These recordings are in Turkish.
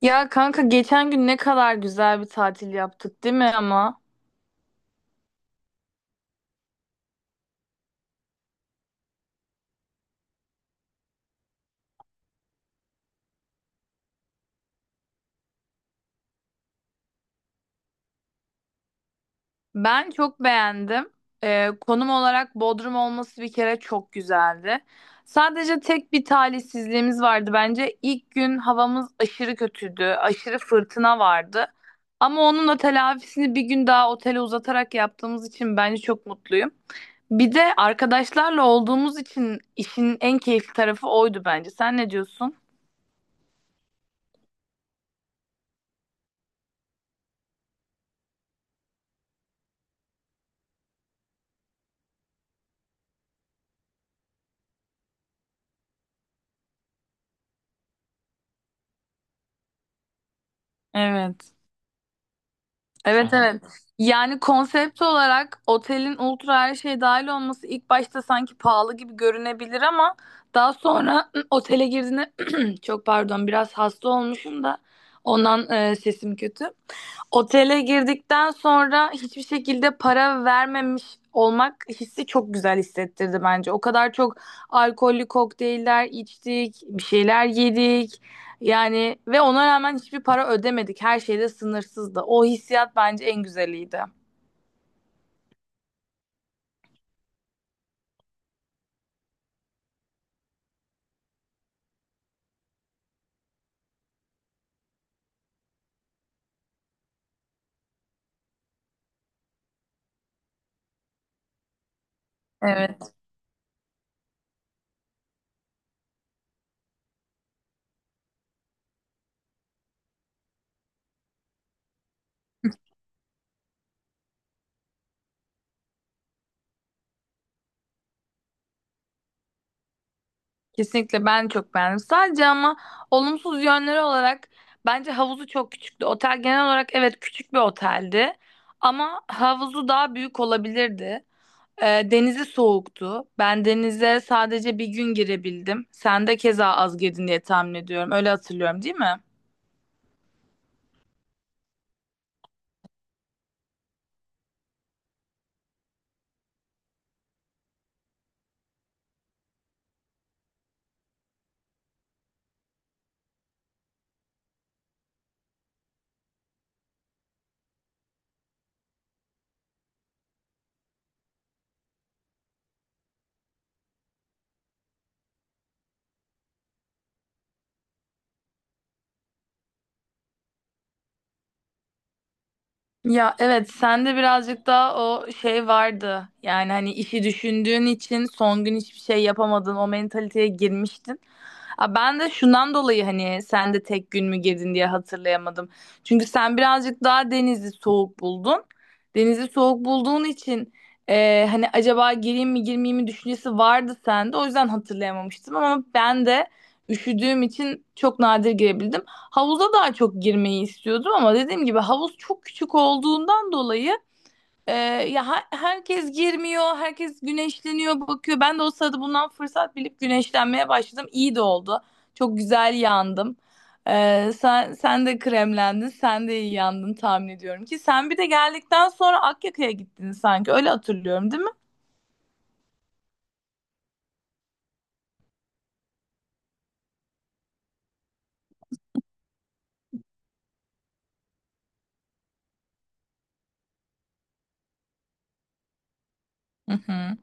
Ya kanka geçen gün ne kadar güzel bir tatil yaptık değil mi ama? Ben çok beğendim. Konum olarak Bodrum olması bir kere çok güzeldi. Sadece tek bir talihsizliğimiz vardı bence. İlk gün havamız aşırı kötüydü. Aşırı fırtına vardı. Ama onun da telafisini bir gün daha otele uzatarak yaptığımız için bence çok mutluyum. Bir de arkadaşlarla olduğumuz için işin en keyifli tarafı oydu bence. Sen ne diyorsun? Evet. Evet. Aha, evet. Yani konsept olarak otelin ultra her şey dahil olması ilk başta sanki pahalı gibi görünebilir ama daha sonra otele girdiğinde çok pardon biraz hasta olmuşum da ondan sesim kötü. Otele girdikten sonra hiçbir şekilde para vermemiş olmak hissi çok güzel hissettirdi bence. O kadar çok alkollü kokteyller içtik, bir şeyler yedik. Yani ve ona rağmen hiçbir para ödemedik. Her şey de sınırsızdı. O hissiyat bence en güzeliydi. Evet. Kesinlikle ben çok beğendim. Sadece ama olumsuz yönleri olarak bence havuzu çok küçüktü. Otel genel olarak evet küçük bir oteldi ama havuzu daha büyük olabilirdi. Denizi soğuktu. Ben denize sadece bir gün girebildim. Sen de keza az girdin diye tahmin ediyorum. Öyle hatırlıyorum, değil mi? Ya evet sende birazcık daha o şey vardı. Yani hani işi düşündüğün için son gün hiçbir şey yapamadın. O mentaliteye girmiştin. Ben de şundan dolayı hani sen de tek gün mü girdin diye hatırlayamadım. Çünkü sen birazcık daha denizi soğuk buldun. Denizi soğuk bulduğun için hani acaba gireyim mi girmeyeyim mi düşüncesi vardı sende. O yüzden hatırlayamamıştım ama ben de üşüdüğüm için çok nadir girebildim. Havuza daha çok girmeyi istiyordum ama dediğim gibi havuz çok küçük olduğundan dolayı e, ya herkes girmiyor, herkes güneşleniyor, bakıyor. Ben de o sırada bundan fırsat bilip güneşlenmeye başladım. İyi de oldu. Çok güzel yandım. Sen de kremlendin, sen de iyi yandın tahmin ediyorum ki. Sen bir de geldikten sonra Akyaka'ya gittin sanki. Öyle hatırlıyorum, değil mi? Hı hı.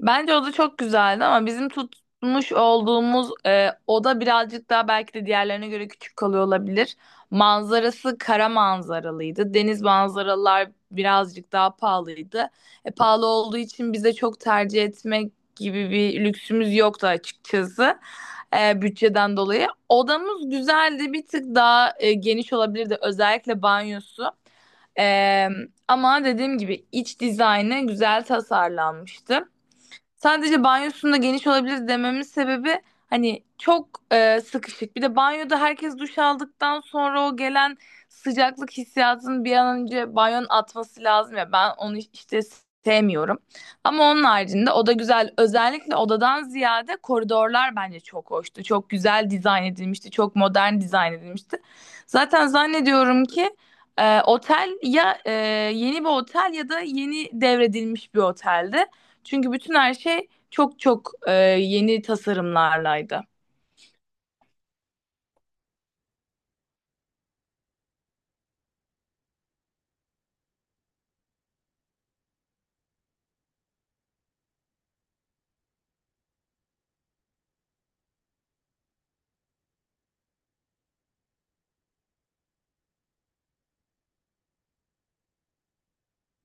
Bence o da çok güzeldi ama bizim tutmuş olduğumuz oda birazcık daha belki de diğerlerine göre küçük kalıyor olabilir. Manzarası kara manzaralıydı. Deniz manzaralar birazcık daha pahalıydı. Pahalı olduğu için bize çok tercih etmek gibi bir lüksümüz yoktu açıkçası. Bütçeden dolayı. Odamız güzeldi. Bir tık daha geniş olabilirdi. Özellikle banyosu. E, Ama dediğim gibi iç dizaynı güzel tasarlanmıştı. Sadece banyosunda geniş olabilir dememin sebebi hani çok sıkışık. Bir de banyoda herkes duş aldıktan sonra o gelen sıcaklık hissiyatını bir an önce banyonun atması lazım ya. Ben onu işte sevmiyorum. Ama onun haricinde o da güzel. Özellikle odadan ziyade koridorlar bence çok hoştu. Çok güzel dizayn edilmişti. Çok modern dizayn edilmişti. Zaten zannediyorum ki otel ya yeni bir otel ya da yeni devredilmiş bir oteldi. Çünkü bütün her şey çok yeni tasarımlarlaydı.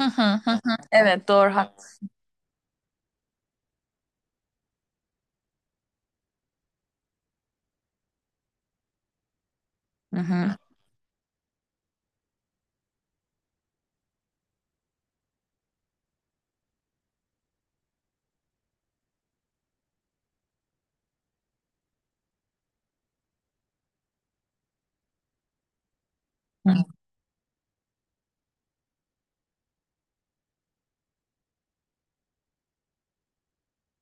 Hı hı. Hı hı. Evet, doğru hak. Hı. Hı.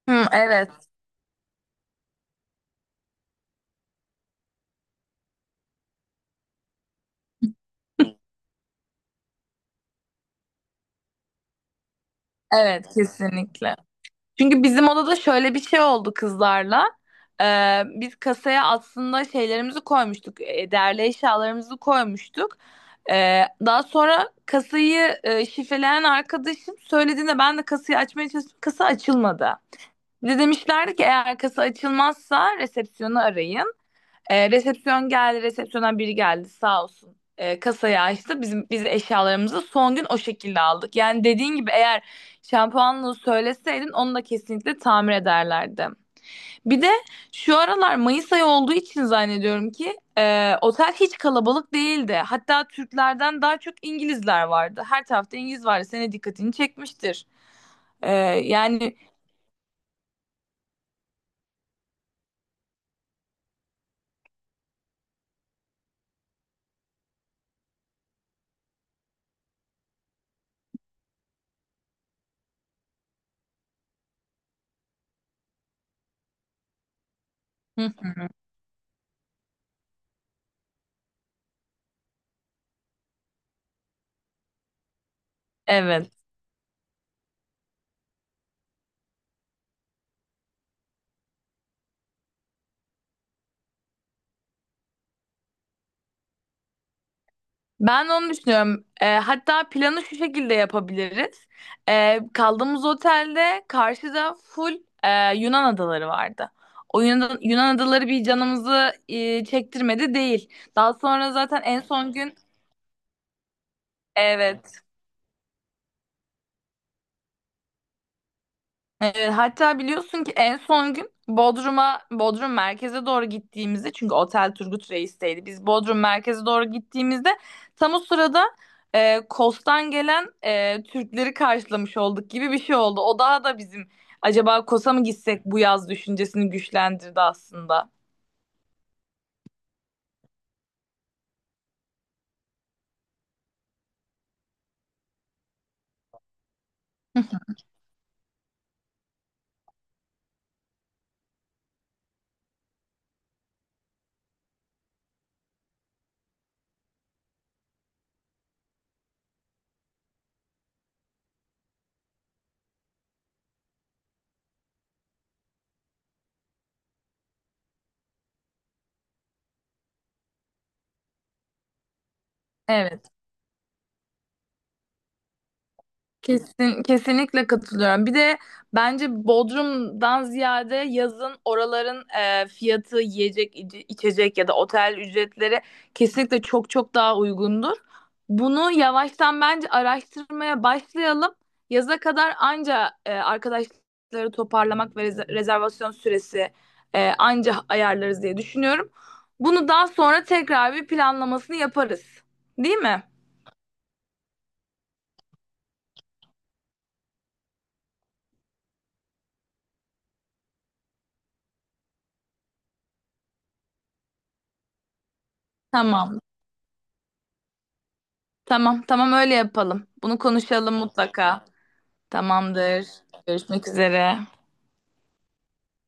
Hı, evet. Evet, kesinlikle. Çünkü bizim odada şöyle bir şey oldu kızlarla. Biz kasaya aslında şeylerimizi koymuştuk. Değerli eşyalarımızı koymuştuk. Daha sonra kasayı şifreleyen arkadaşım söylediğinde ben de kasayı açmaya çalıştım. Kasa açılmadı. Bize demişlerdi ki eğer kasa açılmazsa resepsiyonu arayın. Resepsiyon geldi, resepsiyona biri geldi sağ olsun. Kasayı açtı. Biz eşyalarımızı son gün o şekilde aldık. Yani dediğin gibi eğer şampuanlığı söyleseydin onu da kesinlikle tamir ederlerdi. Bir de şu aralar Mayıs ayı olduğu için zannediyorum ki otel hiç kalabalık değildi. Hatta Türklerden daha çok İngilizler vardı. Her tarafta İngiliz vardı. Senin dikkatini çekmiştir. E, yani hı, evet. Ben de onu düşünüyorum. Hatta planı şu şekilde yapabiliriz. Kaldığımız otelde karşıda full e, Yunan adaları vardı. O Yunan adaları bir canımızı çektirmedi değil. Daha sonra zaten en son gün evet. Evet, hatta biliyorsun ki en son gün Bodrum merkeze doğru gittiğimizde çünkü otel Turgut Reis'teydi. Biz Bodrum merkeze doğru gittiğimizde tam o sırada Kos'tan gelen Türkleri karşılamış olduk gibi bir şey oldu. O daha da bizim acaba Kos'a mı gitsek bu yaz düşüncesini güçlendirdi aslında. Evet. Kesinlikle katılıyorum. Bir de bence Bodrum'dan ziyade yazın oraların fiyatı, yiyecek, içecek ya da otel ücretleri kesinlikle çok daha uygundur. Bunu yavaştan bence araştırmaya başlayalım. Yaza kadar anca arkadaşları toparlamak ve rezervasyon süresi anca ayarlarız diye düşünüyorum. Bunu daha sonra tekrar bir planlamasını yaparız. Değil mi? Tamam. Tamam öyle yapalım. Bunu konuşalım. Tamam, mutlaka. Tamamdır. Görüşmek üzere.